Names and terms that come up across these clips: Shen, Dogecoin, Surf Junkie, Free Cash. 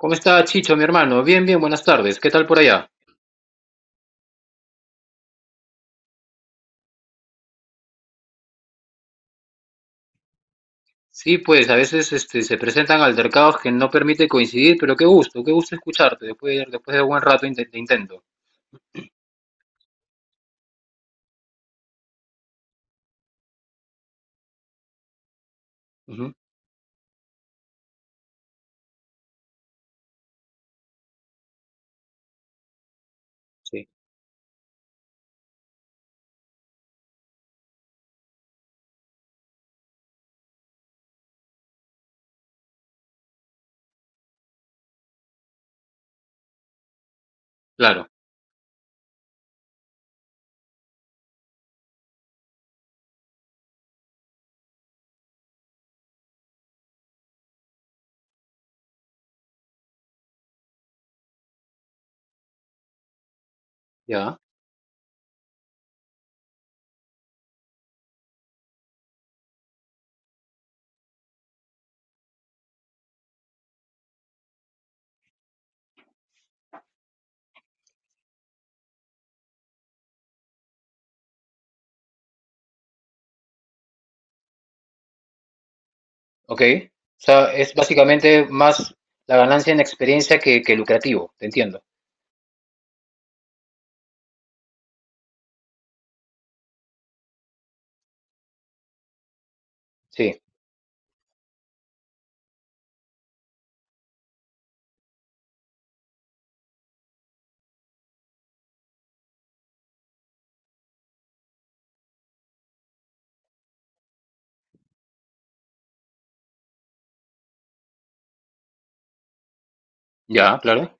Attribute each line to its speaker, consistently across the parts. Speaker 1: ¿Cómo está Chicho, mi hermano? Bien, bien, buenas tardes. ¿Qué tal por allá? Sí, pues a veces se presentan altercados que no permiten coincidir, pero qué gusto escucharte después de un buen rato de intento. Ujú. Sí, claro, ya, ok. O sea, es básicamente más la ganancia en experiencia que lucrativo, te entiendo. Sí, ya, claro.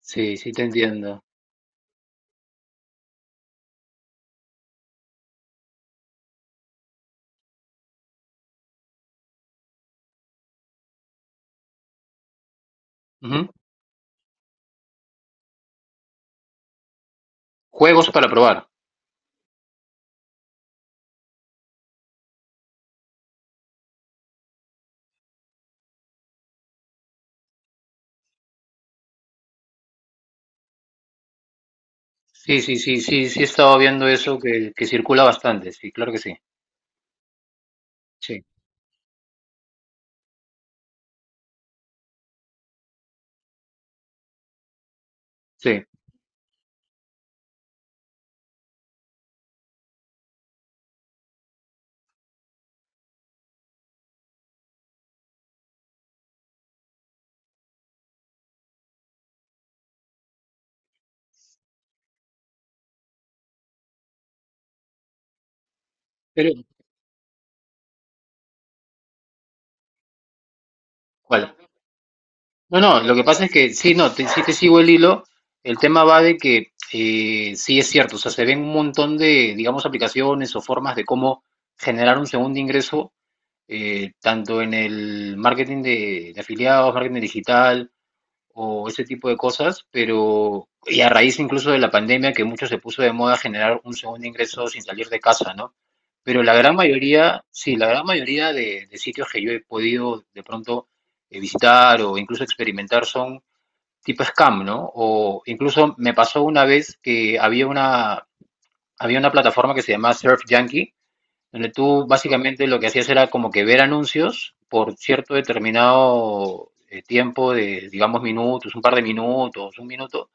Speaker 1: Sí, sí, te entiendo. Ujú. Juegos para probar. Sí, sí, sí, sí, sí, he estado viendo eso que circula bastante, sí, claro que sí. Sí, sí. Pero, ¿cuál? No, no, lo que pasa es que sí, no, sí te sigo el hilo. El tema va de que sí es cierto, o sea, se ven un montón de, digamos, aplicaciones o formas de cómo generar un segundo ingreso, tanto en el marketing de afiliados, marketing digital, o ese tipo de cosas, pero y a raíz incluso de la pandemia que mucho se puso de moda generar un segundo ingreso sin salir de casa, ¿no? Pero la gran mayoría, sí, la gran mayoría de sitios que yo he podido de pronto visitar o incluso experimentar son tipo scam, ¿no? O incluso me pasó una vez que había una plataforma que se llamaba Surf Junkie, donde tú básicamente lo que hacías era como que ver anuncios por cierto determinado tiempo de, digamos, minutos, un par de minutos, un minuto,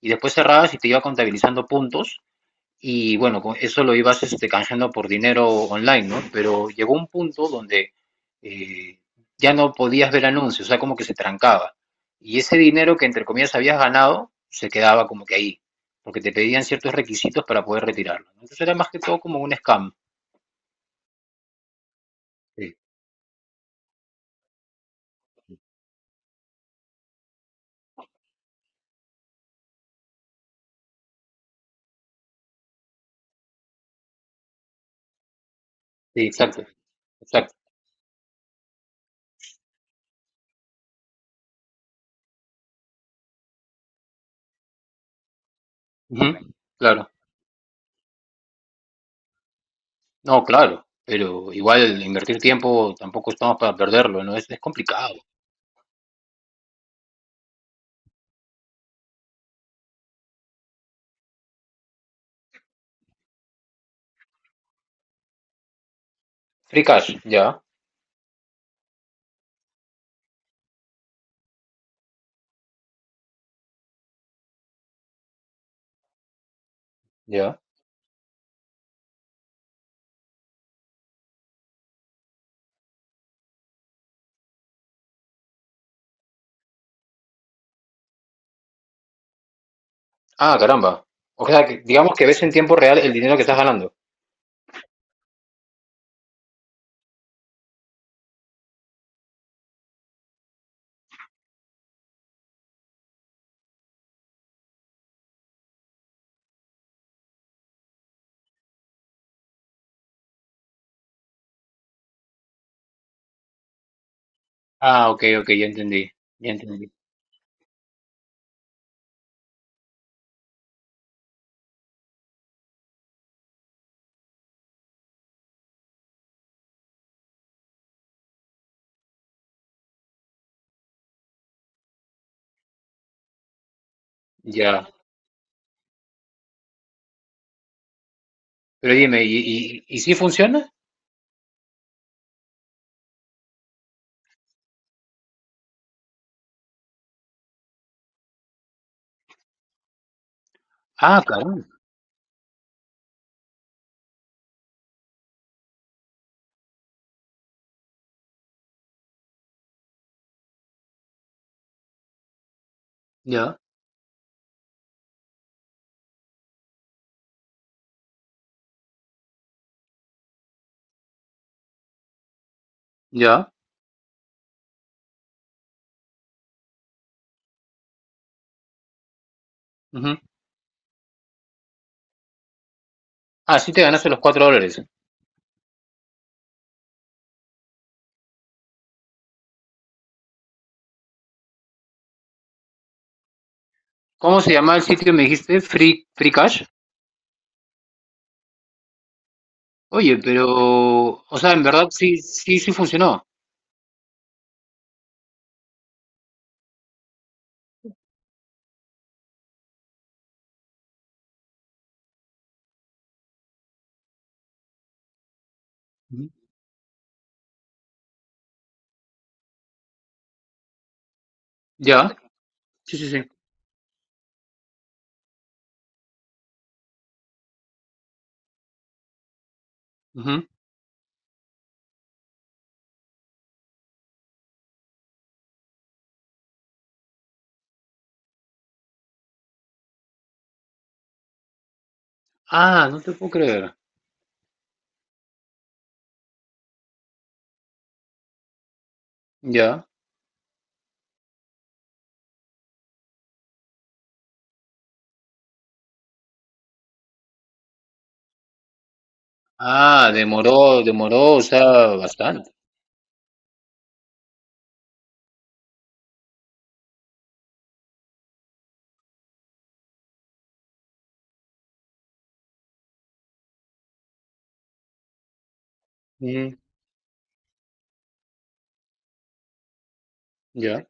Speaker 1: y después cerrabas y te iba contabilizando puntos y bueno, con eso lo ibas canjeando por dinero online, ¿no? Pero llegó un punto donde eh, ya no podías ver anuncios, o sea, como que se trancaba. Y ese dinero que entre comillas habías ganado se quedaba como que ahí, porque te pedían ciertos requisitos para poder retirarlo, ¿no? Entonces era más que todo como un scam. Sí. Sí, exacto, exacto. Ujú. Claro, no, claro, pero igual invertir tiempo tampoco estamos para perderlo, ¿no? Es complicado. Free Cash, ya, ya. Ah, caramba. O sea, que digamos que ves en tiempo real el dinero que estás ganando. Ah, ok, ok, ya entendí, ya entendí, ya. Pero dime, ¿y si funciona? Ah, caramba, ya, ya. Ujú. Ah, sí te ganaste los $4. ¿Cómo se llama el sitio que me dijiste? Free Cash. Oye, pero, o sea, en verdad sí, sí, sí funcionó. Ujú. Ya. Sí, sí, sí. Ujú. Ah, no te puedo creer. Ya. Ah, demoró, demoró, o sea, bastante. Ujú. Ya.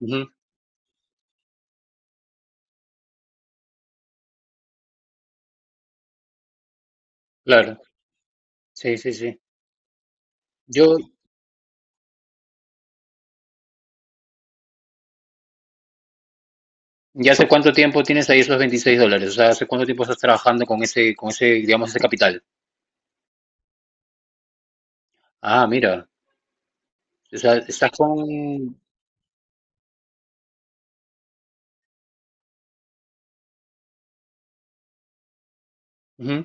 Speaker 1: Ujú. Claro. Sí, sí, sí. Yo, ¿ya hace cuánto tiempo tienes ahí esos $26? O sea, ¿hace cuánto tiempo estás trabajando con ese, digamos, ese capital? Ah, mira. O sea, estás con. Ujú.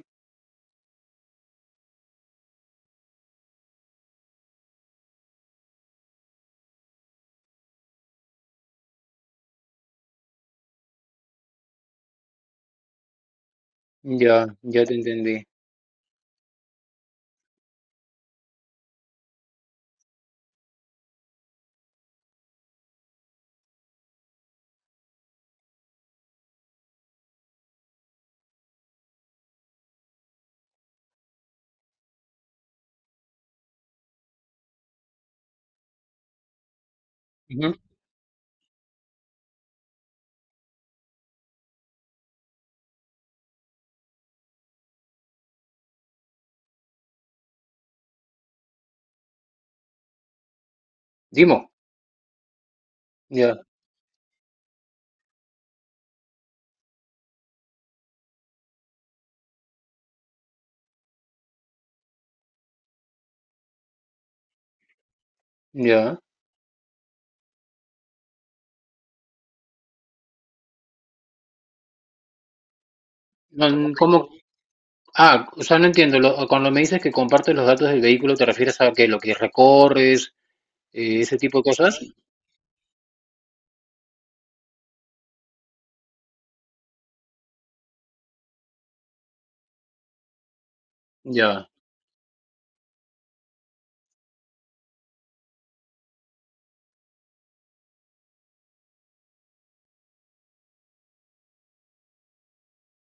Speaker 1: Ya, ya te entendí. Ujú. Dimo. Ya, ya. No, ¿cómo? Ah, o sea, no entiendo. Cuando me dices que compartes los datos del vehículo, ¿te refieres a que lo que recorres? Ese tipo de cosas. Ya.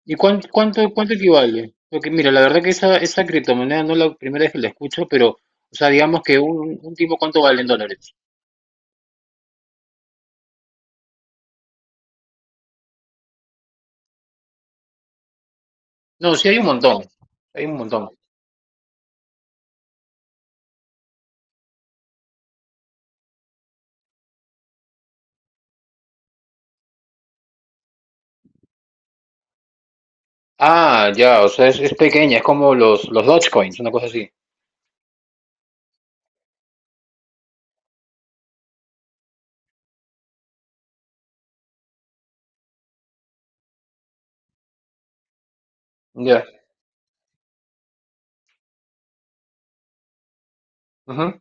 Speaker 1: ¿Y cuánto equivale? Porque mira, la verdad que esa criptomoneda no es la primera vez que la escucho, pero, o sea, digamos que un tipo, ¿cuánto vale en dólares? No, sí hay un montón, hay un montón. Ah, ya, o sea, es pequeña, es como los Dogecoins, una cosa así. Ya. Ujú.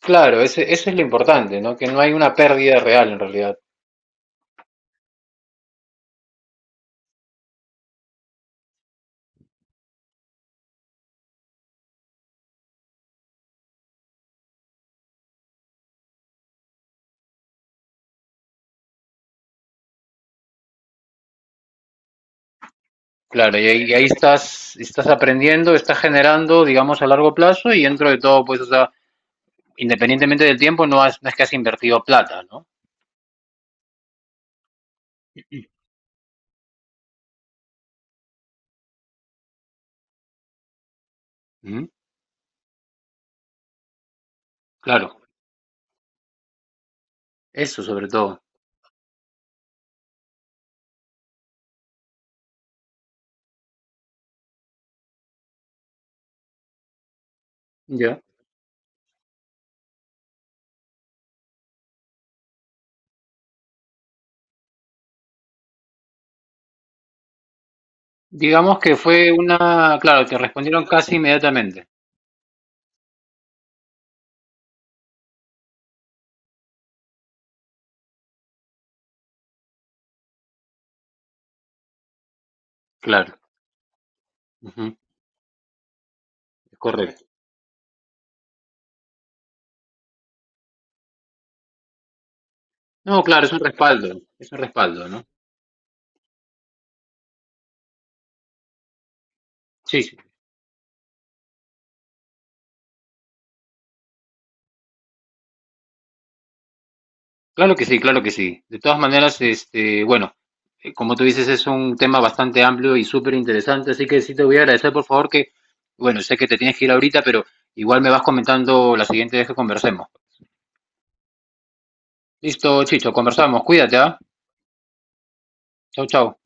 Speaker 1: Claro, eso es lo importante, ¿no? Que no hay una pérdida real en realidad. Claro, y ahí estás aprendiendo, estás generando, digamos, a largo plazo y dentro de todo, pues, o sea, independientemente del tiempo, no, no es que has invertido plata, ¿no? ¿Mm? Claro, eso sobre todo. Ya. Digamos que fue una, claro, te respondieron casi inmediatamente. Claro, ujú, es correcto. No, claro, es un respaldo, ¿no? Sí, sí, claro que sí, claro que sí. De todas maneras, bueno, como tú dices, es un tema bastante amplio y súper interesante, así que sí te voy a agradecer, por favor, que, bueno, sé que te tienes que ir ahorita, pero igual me vas comentando la siguiente vez que conversemos. Listo, Chicho, conversamos, cuídate, ¿ah? Chau, chau.